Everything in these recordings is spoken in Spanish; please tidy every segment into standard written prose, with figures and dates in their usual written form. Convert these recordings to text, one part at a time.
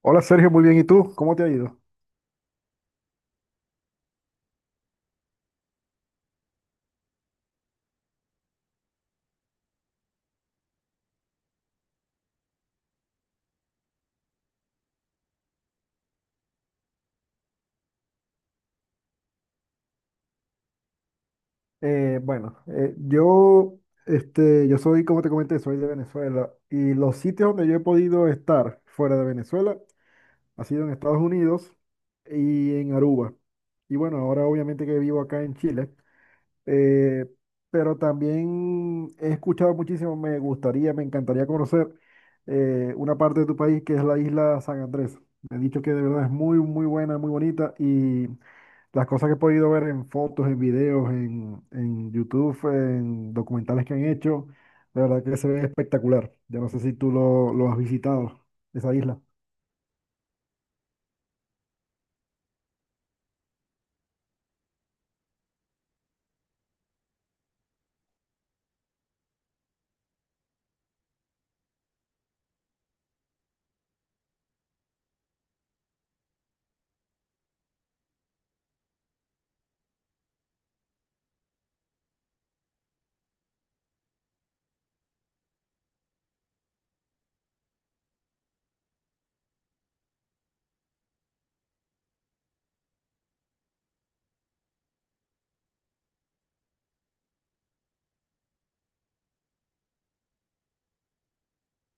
Hola Sergio, muy bien. ¿Y tú? ¿Cómo te ha ido? Bueno, yo soy, como te comenté, soy de Venezuela y los sitios donde yo he podido estar fuera de Venezuela ha sido en Estados Unidos y en Aruba. Y bueno, ahora obviamente que vivo acá en Chile, eh, pero también he escuchado muchísimo, me gustaría, me encantaría conocer una parte de tu país que es la isla San Andrés. Me han dicho que de verdad es muy, muy buena, muy bonita. Las cosas que he podido ver en fotos, en videos, en YouTube, en documentales que han hecho, la verdad que se ve espectacular. Yo no sé si tú lo has visitado, esa isla,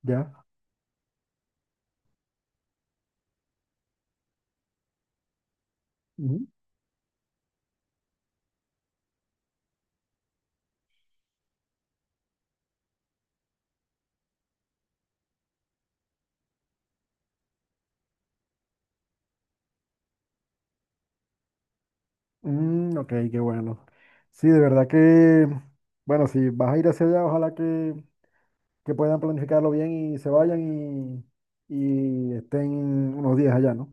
¿ya? Ujú. Mm, ok, qué bueno. Sí, de verdad que, bueno, si vas a ir hacia allá, ojalá que puedan planificarlo bien y se vayan y estén unos días allá, ¿no?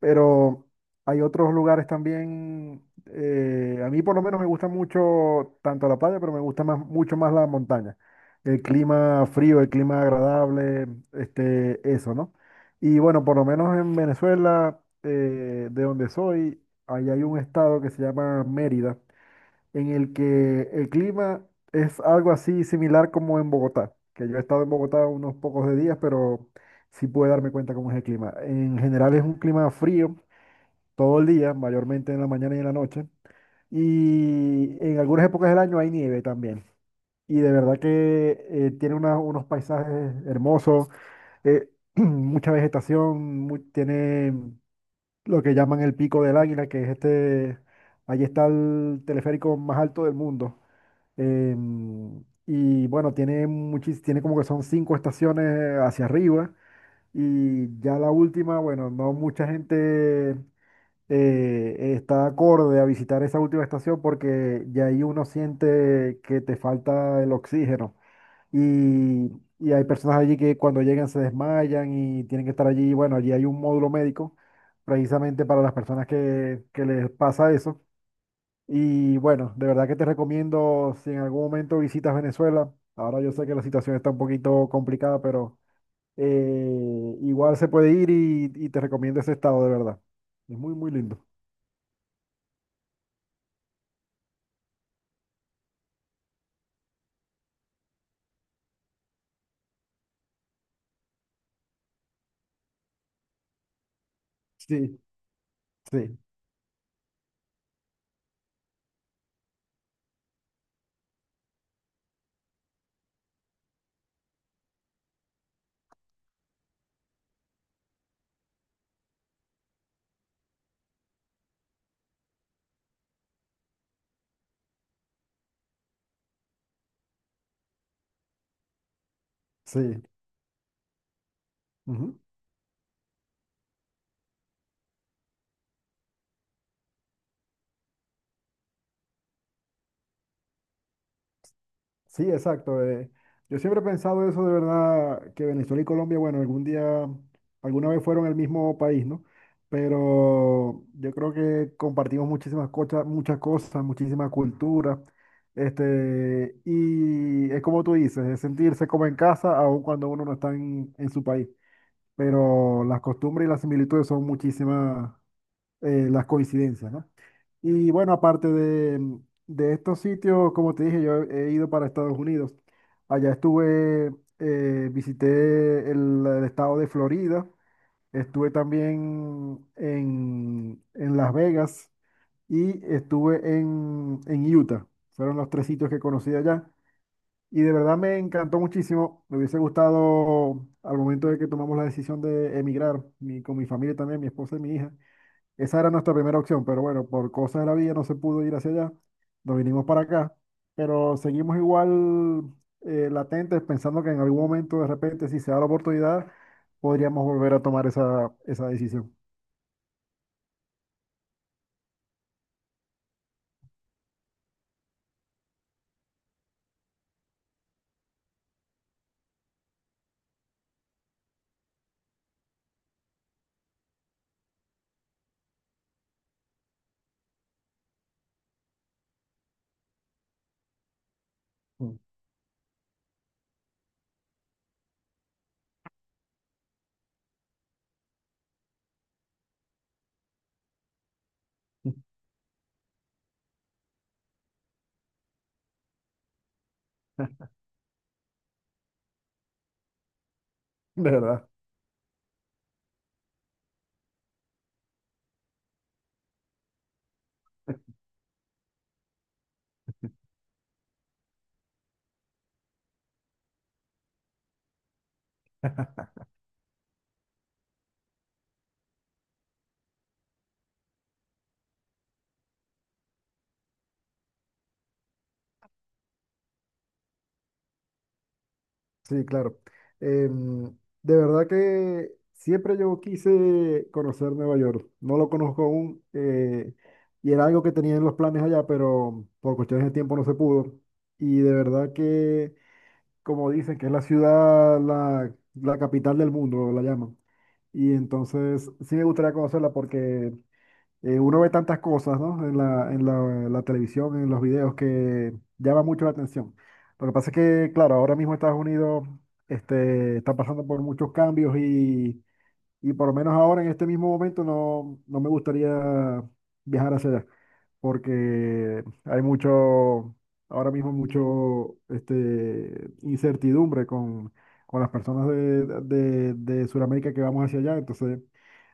Pero hay otros lugares también. A mí por lo menos me gusta mucho tanto la playa, pero me gusta más, mucho más la montaña. El clima frío, el clima agradable, este, eso, ¿no? Y bueno, por lo menos en Venezuela, de donde soy, ahí hay un estado que se llama Mérida, en el que el clima es algo así similar como en Bogotá, que yo he estado en Bogotá unos pocos de días, pero sí pude darme cuenta cómo es el clima. En general es un clima frío todo el día, mayormente en la mañana y en la noche. Y en algunas épocas del año hay nieve también. Y de verdad que tiene unos paisajes hermosos, eh, mucha vegetación, tiene lo que llaman el Pico del Águila, que es este, allí está el teleférico más alto del mundo. Y bueno, tiene como que son 5 estaciones hacia arriba. Y ya la última, bueno, no mucha gente está acorde a visitar esa última estación porque ya ahí uno siente que te falta el oxígeno. Y, y hay personas allí que cuando llegan se desmayan y tienen que estar allí. Bueno, allí hay un módulo médico precisamente para las personas que les pasa eso. Y bueno, de verdad que te recomiendo si en algún momento visitas Venezuela. Ahora yo sé que la situación está un poquito complicada, pero eh, igual se puede ir y te recomiendo ese estado, de verdad. Es muy, muy lindo. Sí. Sí, sí. Ujú. Sí, exacto. Yo siempre he pensado eso de verdad, que Venezuela y Colombia, bueno, algún día, alguna vez fueron el mismo país, ¿no? Pero yo creo que compartimos muchísimas cosas, muchas cosas, muchísima cultura. Este, y es como tú dices, es sentirse como en casa, aun cuando uno no está en su país. Pero las costumbres y las similitudes son muchísimas, las coincidencias, ¿no? Y bueno, aparte de estos sitios, como te dije, yo he ido para Estados Unidos. Allá estuve, visité el estado de Florida, estuve también en Las Vegas y estuve en Utah. Fueron los tres sitios que conocí allá. Y de verdad me encantó muchísimo. Me hubiese gustado al momento de que tomamos la decisión de emigrar, con mi familia también, mi esposa y mi hija. Esa era nuestra primera opción, pero bueno, por cosas de la vida no se pudo ir hacia allá. Nos vinimos para acá, pero seguimos igual latentes, pensando que en algún momento, de repente, si se da la oportunidad, podríamos volver a tomar esa, esa decisión. Mm. De verdad, sí, claro. Em, de verdad que siempre yo quise conocer Nueva York. No lo conozco aún, y era algo que tenía en los planes allá, pero por cuestiones de tiempo no se pudo. Y de verdad que como dicen, que es la ciudad, la capital del mundo, la llaman. Y entonces sí me gustaría conocerla porque uno ve tantas cosas, ¿no? En la, en la, en la televisión, en los videos, que llama mucho la atención. Lo que pasa es que, claro, ahora mismo Estados Unidos este, está pasando por muchos cambios y por lo menos ahora, en este mismo momento, no, no me gustaría viajar hacia allá, porque hay mucho, ahora mismo mucho, este, incertidumbre con las personas de Sudamérica que vamos hacia allá, entonces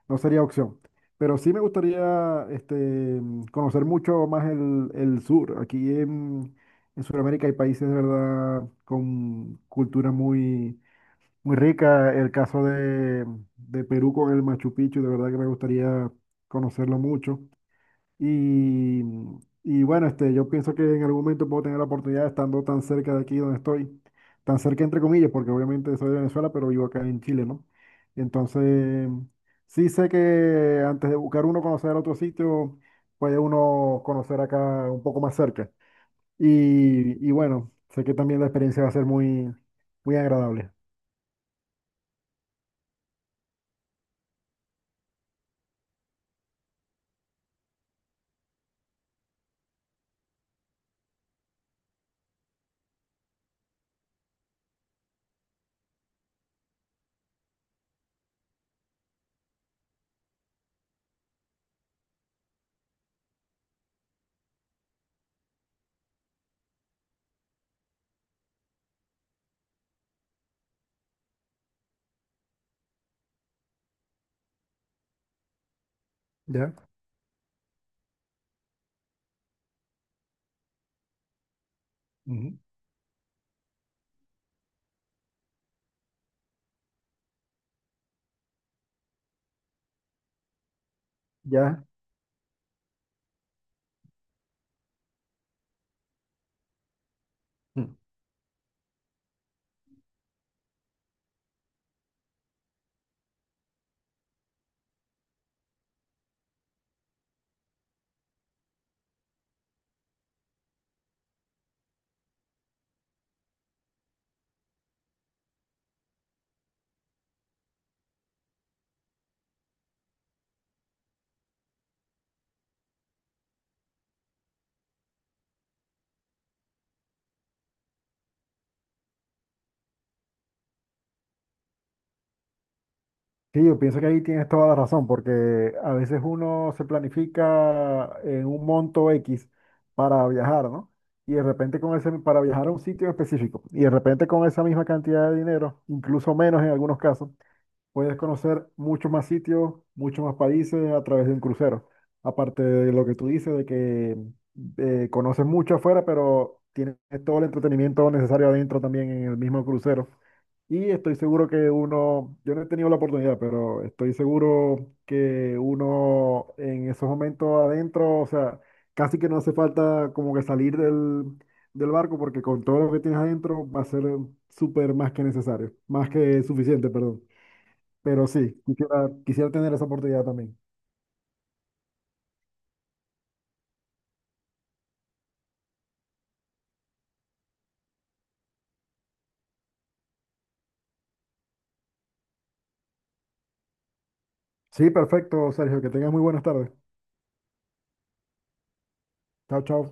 no sería opción. Pero sí me gustaría, este, conocer mucho más el sur. Aquí en Sudamérica hay países, de verdad, con culturas muy muy rica el caso de Perú con el Machu Picchu, de verdad que me gustaría conocerlo mucho. Y, y bueno, este, yo pienso que en algún momento puedo tener la oportunidad, estando tan cerca de aquí donde estoy, tan cerca entre comillas, porque obviamente soy de Venezuela, pero vivo acá en Chile, ¿no? Entonces, sí sé que antes de buscar uno conocer otro sitio, puede uno conocer acá un poco más cerca. Y bueno, sé que también la experiencia va a ser muy, muy agradable. ¿Ya? Ujú. Ya. Mm. Sí, yo pienso que ahí tienes toda la razón, porque a veces uno se planifica en un monto X para viajar, ¿no? Y de repente con ese, para viajar a un sitio específico, y de repente con esa misma cantidad de dinero, incluso menos en algunos casos, puedes conocer muchos más sitios, muchos más países a través de un crucero. Aparte de lo que tú dices, de que conoces mucho afuera, pero tienes todo el entretenimiento necesario adentro también en el mismo crucero. Y estoy seguro que uno, yo no he tenido la oportunidad, pero estoy seguro que uno en esos momentos adentro, o sea, casi que no hace falta como que salir del, del barco, porque con todo lo que tienes adentro va a ser súper más que necesario, más que suficiente, perdón. Pero sí, quisiera, quisiera tener esa oportunidad también. Sí, perfecto, Sergio, que tengas muy buenas tardes. Chao, chao.